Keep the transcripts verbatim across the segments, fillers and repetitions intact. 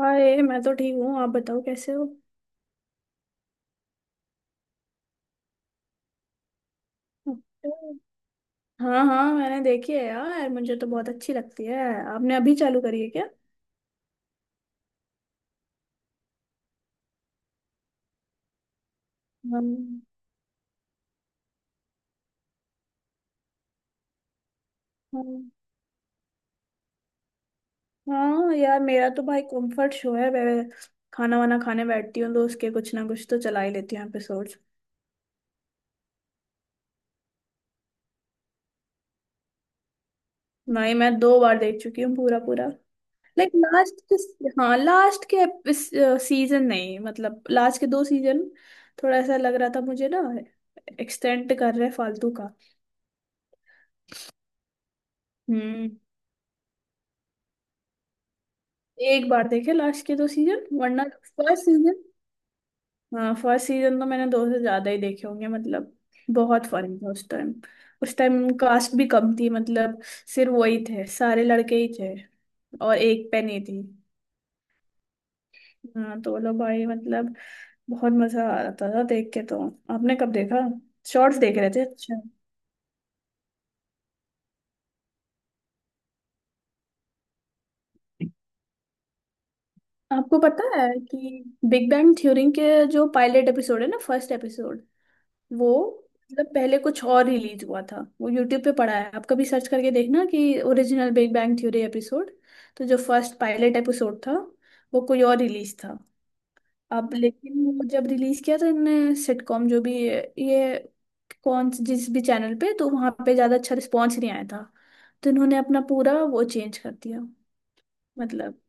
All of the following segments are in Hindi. हाय, मैं तो ठीक हूँ। आप बताओ कैसे हो। अच्छा। हाँ हाँ, मैंने देखी है यार, मुझे तो बहुत अच्छी लगती है। आपने अभी चालू करी है क्या? हाँ। हाँ। हाँ यार, मेरा तो भाई कंफर्ट शो है। मैं खाना वाना खाने बैठती हूँ तो उसके कुछ ना कुछ तो चला ही लेती हूँ एपिसोड्स। नहीं, मैं दो बार देख चुकी हूँ पूरा पूरा। लाइक लास्ट के। हाँ लास्ट के इस सीजन, नहीं मतलब लास्ट के दो सीजन थोड़ा ऐसा लग रहा था मुझे ना, एक्सटेंड कर रहे फालतू का। हम्म। एक बार देखे लास्ट के दो सीजन, वरना फर्स्ट सीजन। हाँ फर्स्ट सीजन तो मैंने दो से ज्यादा ही देखे होंगे मतलब। बहुत फनी था उस टाइम। उस टाइम कास्ट भी कम थी मतलब, सिर्फ वही थे, सारे लड़के ही थे और एक पे नहीं थी। हाँ तो बोलो भाई मतलब, बहुत मजा आ रहा था देख के तो। आपने कब देखा? शॉर्ट्स देख रहे थे, अच्छा। आपको पता है कि बिग बैंग थ्योरी के जो पायलट एपिसोड है ना, फर्स्ट एपिसोड, वो मतलब पहले कुछ और रिलीज हुआ था। वो यूट्यूब पे पड़ा है, आप कभी सर्च करके देखना कि original big bang theory episode. तो जो फर्स्ट पायलट एपिसोड था वो कोई और रिलीज था। अब लेकिन वो जब रिलीज किया तो इनने सिटकॉम, जो भी ये कौन जिस भी चैनल पे, तो वहां पे ज्यादा अच्छा रिस्पॉन्स नहीं आया था। तो इन्होंने अपना पूरा वो चेंज कर दिया। मतलब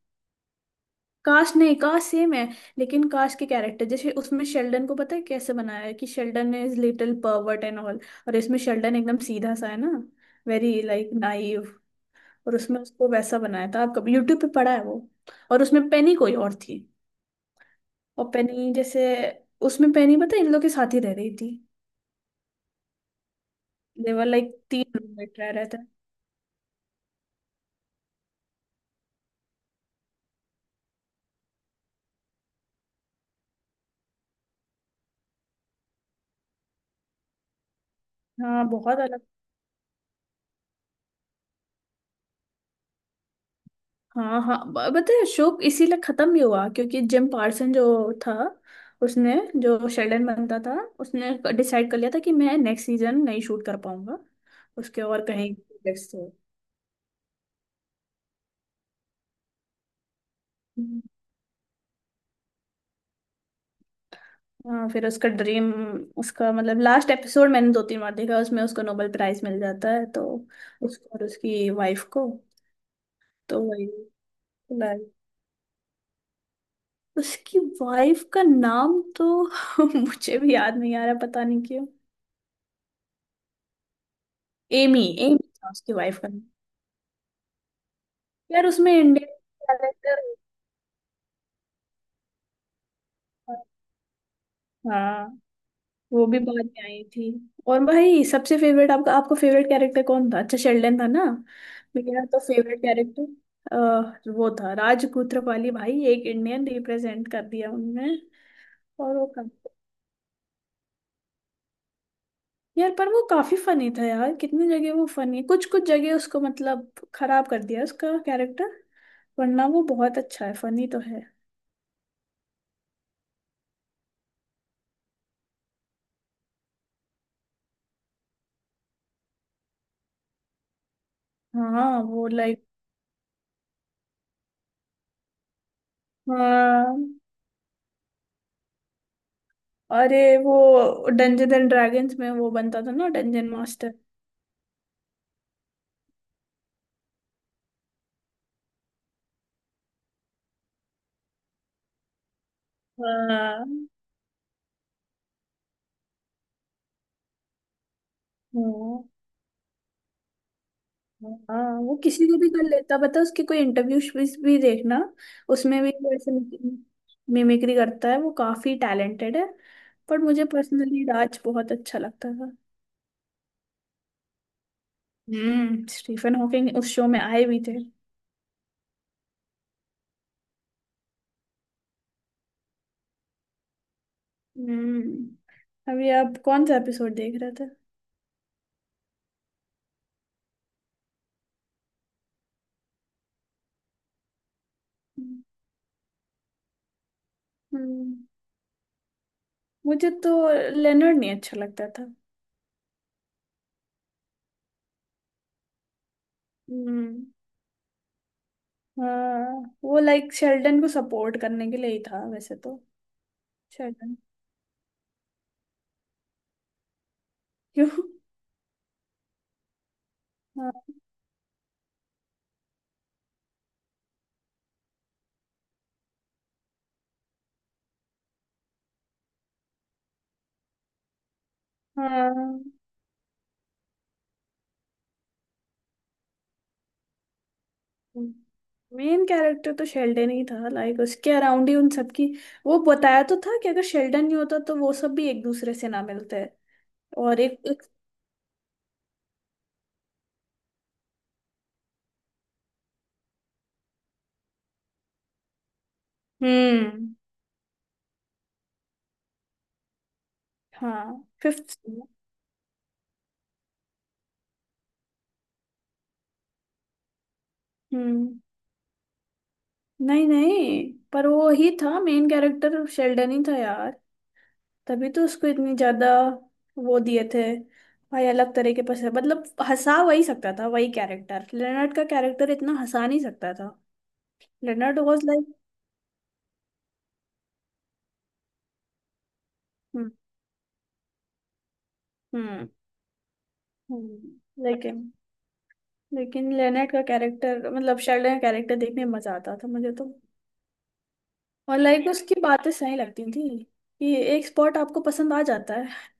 काश नहीं, काश सेम है, लेकिन काश के कैरेक्टर जैसे उसमें, शेल्डन को पता है कैसे बनाया है कि Sheldon is little pervert and all, और इसमें शेल्डन एकदम सीधा सा है ना, वेरी लाइक नाइव। और उसमें उसको वैसा बनाया था, आप कभी यूट्यूब पे पढ़ा है वो। और उसमें पेनी कोई और थी। और पेनी जैसे, उसमें पेनी पता है इन लोग के साथ ही रह रही थी। देवर लाइक तीन रूममेट रह रहे थे। हाँ बहुत अलग। हाँ हाँ, ब- पता है शो इसीलिए खत्म भी हुआ क्योंकि जिम पार्सन जो था, उसने, जो शेल्डन बनता था, उसने डिसाइड कर लिया था कि मैं नेक्स्ट सीजन नहीं शूट कर पाऊंगा, उसके और कहीं प्रोजेक्ट्स थे। हाँ फिर उसका ड्रीम, उसका मतलब लास्ट एपिसोड मैंने दो तीन बार देखा, उसमें उसको नोबेल प्राइज मिल जाता है तो, उसको और उसकी वाइफ को। तो वही like, उसकी वाइफ का नाम तो मुझे भी याद नहीं आ रहा, पता नहीं क्यों। एमी, एमी था उसकी वाइफ का। यार उसमें इंडियन कैरेक्टर। हाँ वो भी बाद में आई थी। और भाई सबसे फेवरेट आपका, आपका फेवरेट कैरेक्टर कौन था? अच्छा, शेल्डन था ना। मेरा तो फेवरेट कैरेक्टर वो था, राजकूत्रपाली भाई, एक इंडियन रिप्रेजेंट कर दिया उनने। और वो का, यार पर वो काफी फनी था यार, कितनी जगह वो फनी, कुछ कुछ जगह उसको मतलब खराब कर दिया उसका कैरेक्टर, वरना वो बहुत अच्छा है, फनी तो है। हाँ वो लाइक। हाँ अरे, वो डंजन एंड ड्रैगन्स में वो बनता था ना डंजन मास्टर। हाँ हाँ हाँ। हाँ वो किसी को भी कर लेता, बता उसके कोई इंटरव्यू भी देखना, उसमें भी वो ऐसे मिमिक्री करता है, वो काफी टैलेंटेड है। पर मुझे पर्सनली राज बहुत अच्छा लगता था। हम्म। स्टीफन हॉकिंग उस शो में आए भी थे। हम्म, अभी आप कौन सा एपिसोड देख रहे थे? हम्म, मुझे तो लेनर्ड नहीं अच्छा लगता था। हम्म। हाँ वो लाइक शेल्डन को सपोर्ट करने के लिए ही था वैसे तो। शेल्डन। क्यों? हाँ हाँ। मेन कैरेक्टर तो शेल्डन ही था, लाइक उसके अराउंड ही उन सबकी, वो बताया तो था कि अगर शेल्डन नहीं होता तो वो सब भी एक दूसरे से ना मिलते। और एक, एक हम्म। हाँ फिफ्थ। हम्म। नहीं नहीं, पर वो ही था मेन कैरेक्टर, शेल्डन ही था यार। तभी तो उसको इतनी ज्यादा वो दिए थे भाई, अलग तरह के पसंद मतलब, हंसा वही सकता था, वही कैरेक्टर, लेनर्ड का कैरेक्टर इतना हंसा नहीं सकता था। Leonard was like. Hmm. Hmm. Hmm. लेकिन लेकिन लेनर्ड का कैरेक्टर मतलब शेल्डन का कैरेक्टर देखने में मजा आता था मुझे तो। और लाइक उसकी बातें सही लगती थी कि एक स्पॉट आपको पसंद आ जाता है।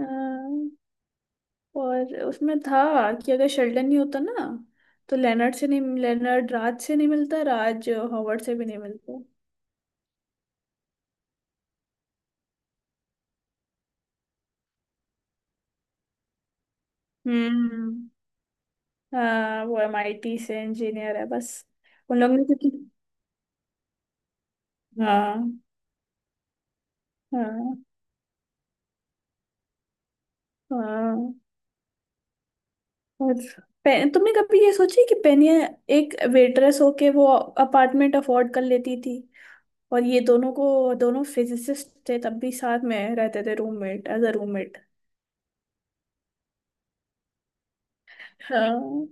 तो, और उसमें था कि अगर शेल्डन नहीं होता ना, तो लेनर्ड से नहीं, लेनर्ड राज से नहीं मिलता, राज हॉवर्ड से भी नहीं मिलता। हम्म। हाँ वो एमआईटी से इंजीनियर है बस। उन लोगों ने क्योंकि, हाँ। हाँ। हाँ। और पे- तुमने कभी ये सोची कि पेनिया एक वेटरेस होके वो अपार्टमेंट अफोर्ड कर लेती थी, और ये दोनों को, दोनों फिजिसिस्ट थे तब भी साथ में रहते थे रूममेट एज अ रूममेट। हाँ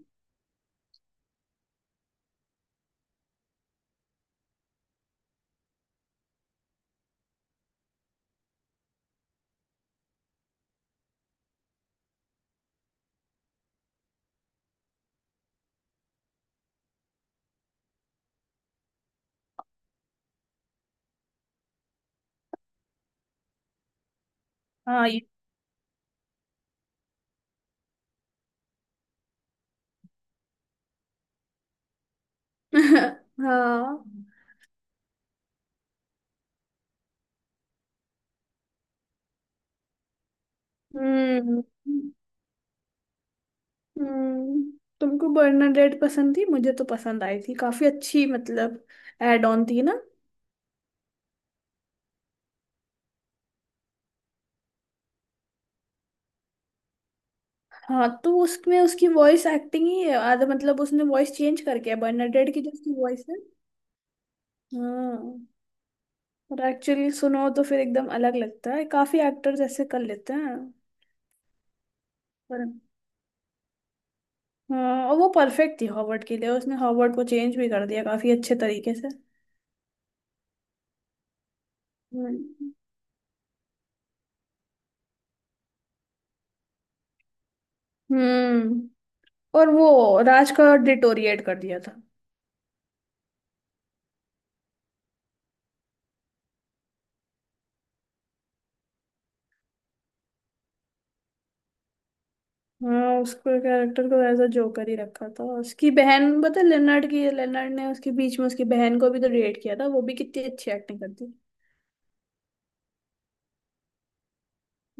हाँ ये हाँ। हम्म। हम्म। तुमको बर्नाडेट पसंद थी? मुझे तो पसंद आई थी, काफी अच्छी, मतलब एड ऑन थी ना। हाँ तो उसमें उसकी वॉइस एक्टिंग ही आधा मतलब, उसने वॉइस चेंज करके है, बर्नाडेट की जो उसकी वॉइस है। हाँ और एक्चुअली सुनो तो फिर एकदम अलग लगता है, काफी एक्टर्स ऐसे कर लेते हैं। पर हाँ, और वो परफेक्ट थी हॉवर्ड के लिए, उसने हॉवर्ड को चेंज भी कर दिया काफी अच्छे तरीके से। हम्म। हम्म। और वो राज का डिटोरिएट कर दिया था। हाँ उसको, कैरेक्टर को ऐसा जोकर ही रखा था। उसकी बहन पता है, लेनर्ड की, लेनर्ड ने उसके बीच में उसकी बहन को भी तो रेट किया था, वो भी कितनी अच्छी एक्टिंग करती है।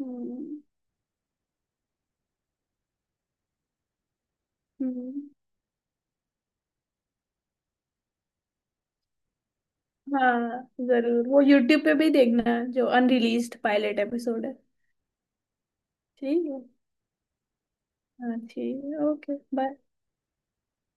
हम्म। हम्म। हाँ जरूर, वो यूट्यूब पे भी देखना जो अनरिलीज्ड पायलट एपिसोड है। ठीक है। हाँ ठीक है, ओके बाय।